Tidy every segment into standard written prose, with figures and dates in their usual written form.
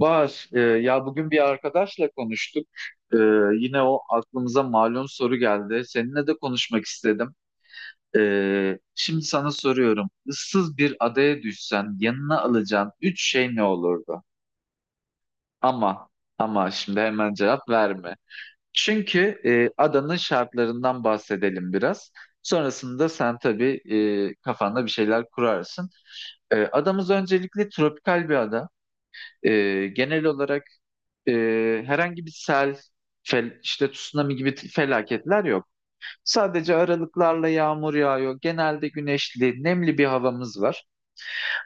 Bahar, ya bugün bir arkadaşla konuştuk. E, Yine o aklımıza malum soru geldi. Seninle de konuşmak istedim. Şimdi sana soruyorum. Issız bir adaya düşsen yanına alacağın üç şey ne olurdu? Ama, ama şimdi hemen cevap verme. Çünkü adanın şartlarından bahsedelim biraz. Sonrasında sen tabii kafanda bir şeyler kurarsın. Adamız öncelikle tropikal bir ada. Genel olarak e, herhangi bir sel, işte tsunami gibi felaketler yok. Sadece aralıklarla yağmur yağıyor. Genelde güneşli, nemli bir havamız var.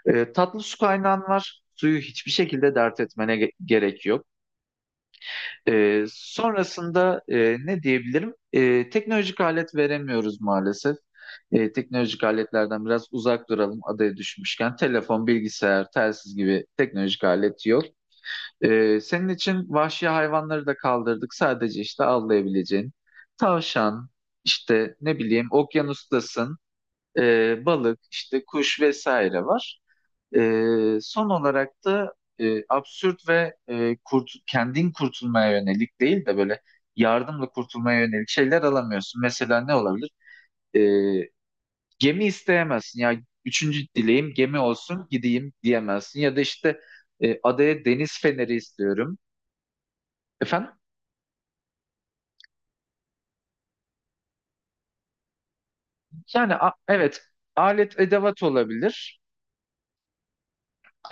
Tatlı su kaynağın var. Suyu hiçbir şekilde dert etmene gerek yok. Sonrasında ne diyebilirim? Teknolojik alet veremiyoruz maalesef. Teknolojik aletlerden biraz uzak duralım adaya düşmüşken. Telefon, bilgisayar, telsiz gibi teknolojik alet yok. Senin için vahşi hayvanları da kaldırdık. Sadece işte avlayabileceğin tavşan, işte ne bileyim okyanustasın, balık, işte kuş vesaire var. Son olarak da absürt ve kendin kurtulmaya yönelik değil de böyle yardımla kurtulmaya yönelik şeyler alamıyorsun. Mesela ne olabilir? Ee, Gemi isteyemezsin. Ya üçüncü dileğim gemi olsun gideyim diyemezsin. Ya da işte adaya deniz feneri istiyorum. Efendim? Yani evet alet edevat olabilir.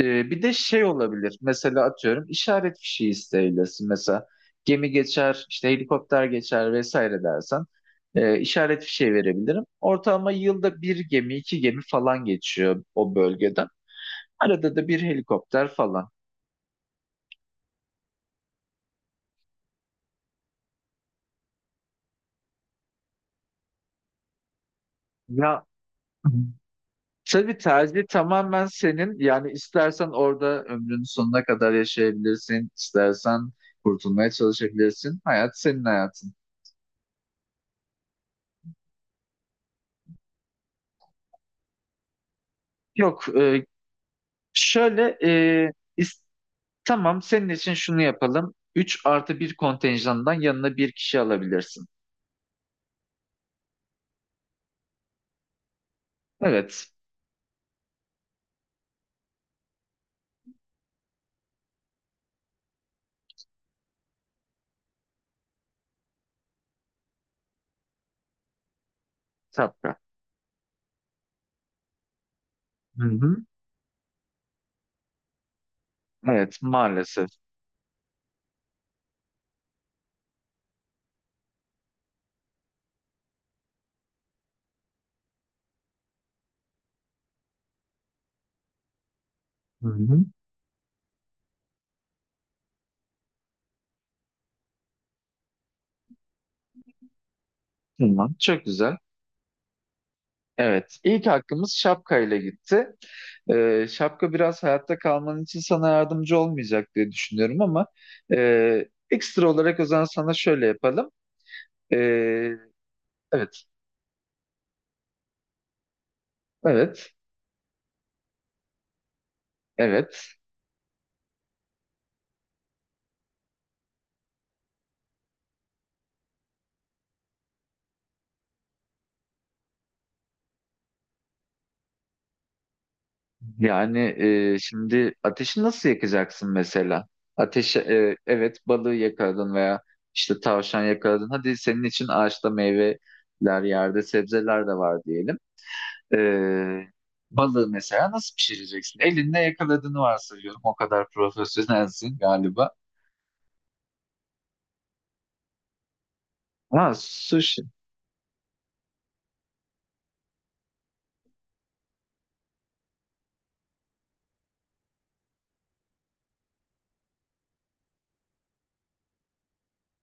Bir de şey olabilir. Mesela atıyorum işaret fişi isteyebilirsin. Mesela gemi geçer, işte helikopter geçer vesaire dersen işaret fişi verebilirim. Ortalama yılda bir gemi, iki gemi falan geçiyor o bölgeden. Arada da bir helikopter falan. Ya tabii tercih tamamen senin. Yani istersen orada ömrünün sonuna kadar yaşayabilirsin, istersen kurtulmaya çalışabilirsin. Hayat senin hayatın. Yok, şöyle is- tamam senin için şunu yapalım. 3 artı bir kontenjandan yanına bir kişi alabilirsin. Evet, Sapra. Hı hı. Evet, maalesef. Hı hı. Tamam, çok güzel. Evet, ilk hakkımız şapkayla gitti. Şapka biraz hayatta kalman için sana yardımcı olmayacak diye düşünüyorum ama ekstra olarak o zaman sana şöyle yapalım. E, evet, evet, evet. Yani şimdi ateşi nasıl yakacaksın mesela? Ateşi evet balığı yakaladın veya işte tavşan yakaladın. Hadi senin için ağaçta meyveler yerde sebzeler de var diyelim. E, Balığı mesela nasıl pişireceksin? Elinle yakaladığını varsayıyorum. O kadar profesyonelsin galiba. Ha sushi.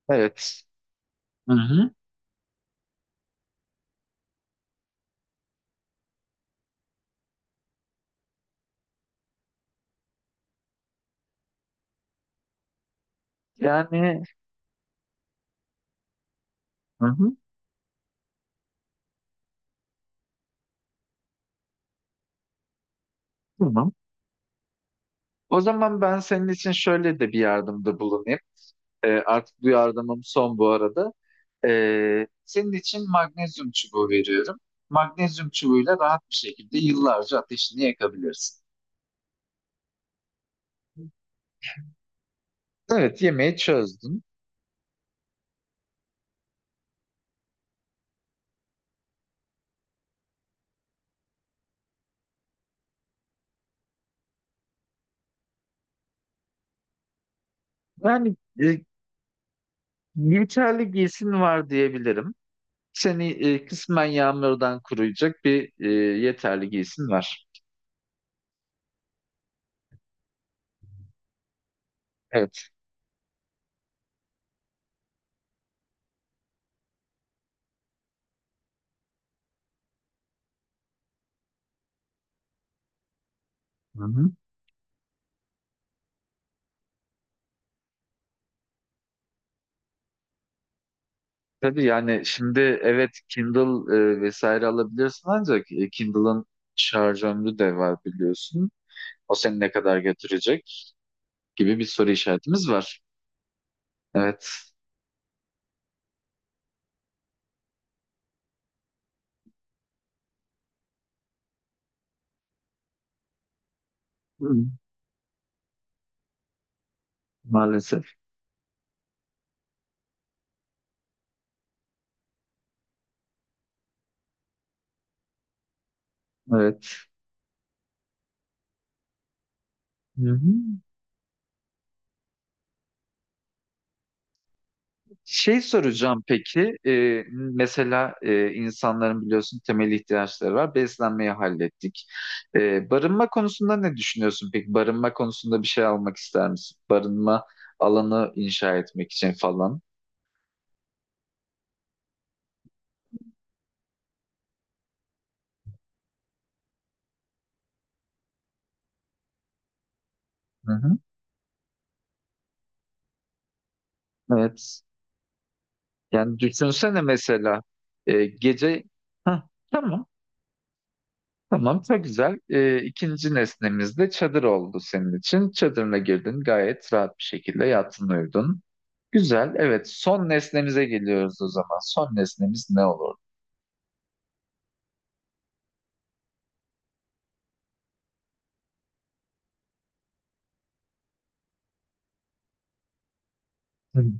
Evet. Hı hı. Yani hı hı. Tamam. O zaman ben senin için şöyle de bir yardımda bulunayım. Artık duyardamım son bu arada. Senin için magnezyum çubuğu veriyorum. Magnezyum çubuğuyla rahat bir şekilde yıllarca ateşini yakabilirsin. Evet, yemeği çözdün. Yani e, yeterli giysin var diyebilirim. Seni kısmen yağmurdan koruyacak bir yeterli giysin var. Evet. Hı hı. Tabii yani şimdi evet Kindle vesaire alabilirsin ancak Kindle'ın şarj ömrü de var biliyorsun. O seni ne kadar götürecek gibi bir soru işaretimiz var. Evet. Hı, maalesef. Evet. Hı hı. Şey soracağım peki, mesela insanların biliyorsun temel ihtiyaçları var. Beslenmeyi hallettik. Barınma konusunda ne düşünüyorsun peki? Barınma konusunda bir şey almak ister misin? Barınma alanı inşa etmek için falan. Hı hı. Evet. Yani düşünsene mesela gece... Hah, tamam. Tamam, çok güzel. İkinci nesnemiz de çadır oldu senin için. Çadırına girdin, gayet rahat bir şekilde yattın, uyudun. Güzel, evet. Son nesnemize geliyoruz o zaman. Son nesnemiz ne olur? Hı.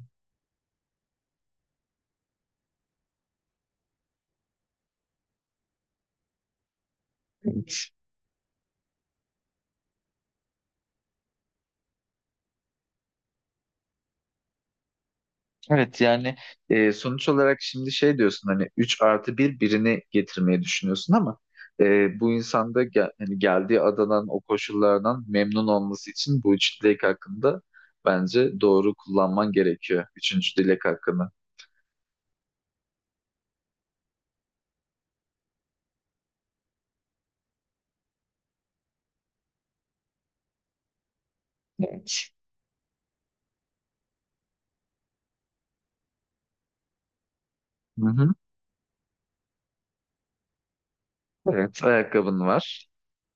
Evet, yani sonuç olarak şimdi şey diyorsun hani 3 artı bir birini getirmeyi düşünüyorsun ama bu insanda hani geldiği adadan o koşullardan memnun olması için bu üç dilek hakkında bence doğru kullanman gerekiyor. Üçüncü dilek hakkını. Evet. Hı hı. Evet, ayakkabın var.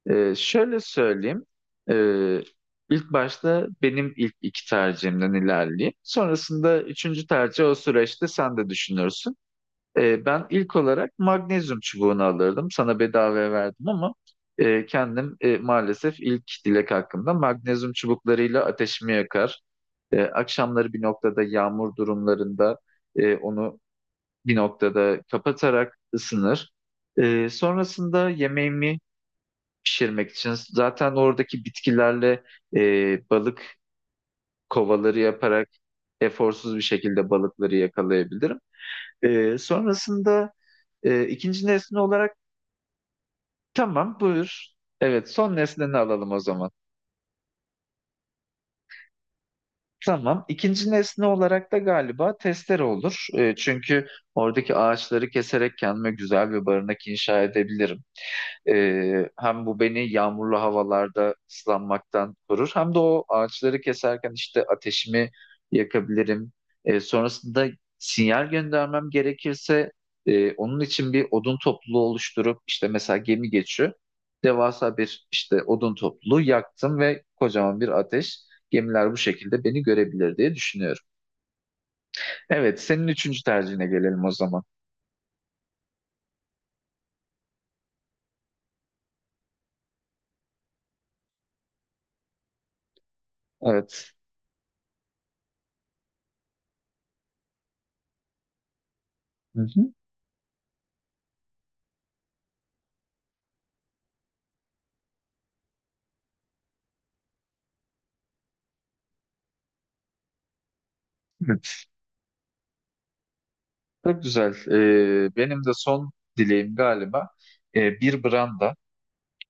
Şöyle söyleyeyim. Ee, ilk başta benim ilk iki tercihimden ilerleyeyim. Sonrasında üçüncü tercih o süreçte sen de düşünürsün. Ben ilk olarak magnezyum çubuğunu alırdım. Sana bedavaya verdim ama kendim maalesef ilk dilek hakkımda magnezyum çubuklarıyla ateşimi yakar. Akşamları bir noktada yağmur durumlarında onu bir noktada kapatarak ısınır. Sonrasında yemeğimi pişirmek için. Zaten oradaki bitkilerle balık kovaları yaparak eforsuz bir şekilde balıkları yakalayabilirim. Sonrasında ikinci nesne olarak tamam buyur. Evet son nesneni alalım o zaman. Tamam. İkinci nesne olarak da galiba testere olur. Çünkü oradaki ağaçları keserek kendime güzel bir barınak inşa edebilirim. Hem bu beni yağmurlu havalarda ıslanmaktan korur hem de o ağaçları keserken işte ateşimi yakabilirim. Sonrasında sinyal göndermem gerekirse onun için bir odun topluluğu oluşturup işte mesela gemi geçiyor. Devasa bir işte odun topluluğu yaktım ve kocaman bir ateş. Gemiler bu şekilde beni görebilir diye düşünüyorum. Evet, senin üçüncü tercihine gelelim o zaman. Evet. Hı hı. Çok güzel. Benim de son dileğim galiba bir branda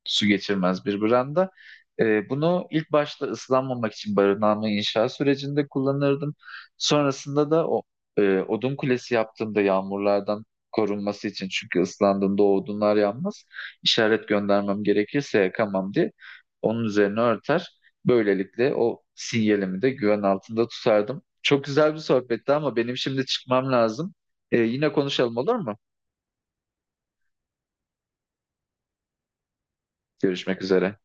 su geçirmez bir branda. Bunu ilk başta ıslanmamak için barınağımı inşa sürecinde kullanırdım. Sonrasında da o odun kulesi yaptığımda yağmurlardan korunması için çünkü ıslandığımda o odunlar yanmaz. İşaret göndermem gerekirse yakamam diye onun üzerine örter. Böylelikle o sinyalimi de güven altında tutardım. Çok güzel bir sohbetti ama benim şimdi çıkmam lazım. Yine konuşalım olur mu? Görüşmek üzere.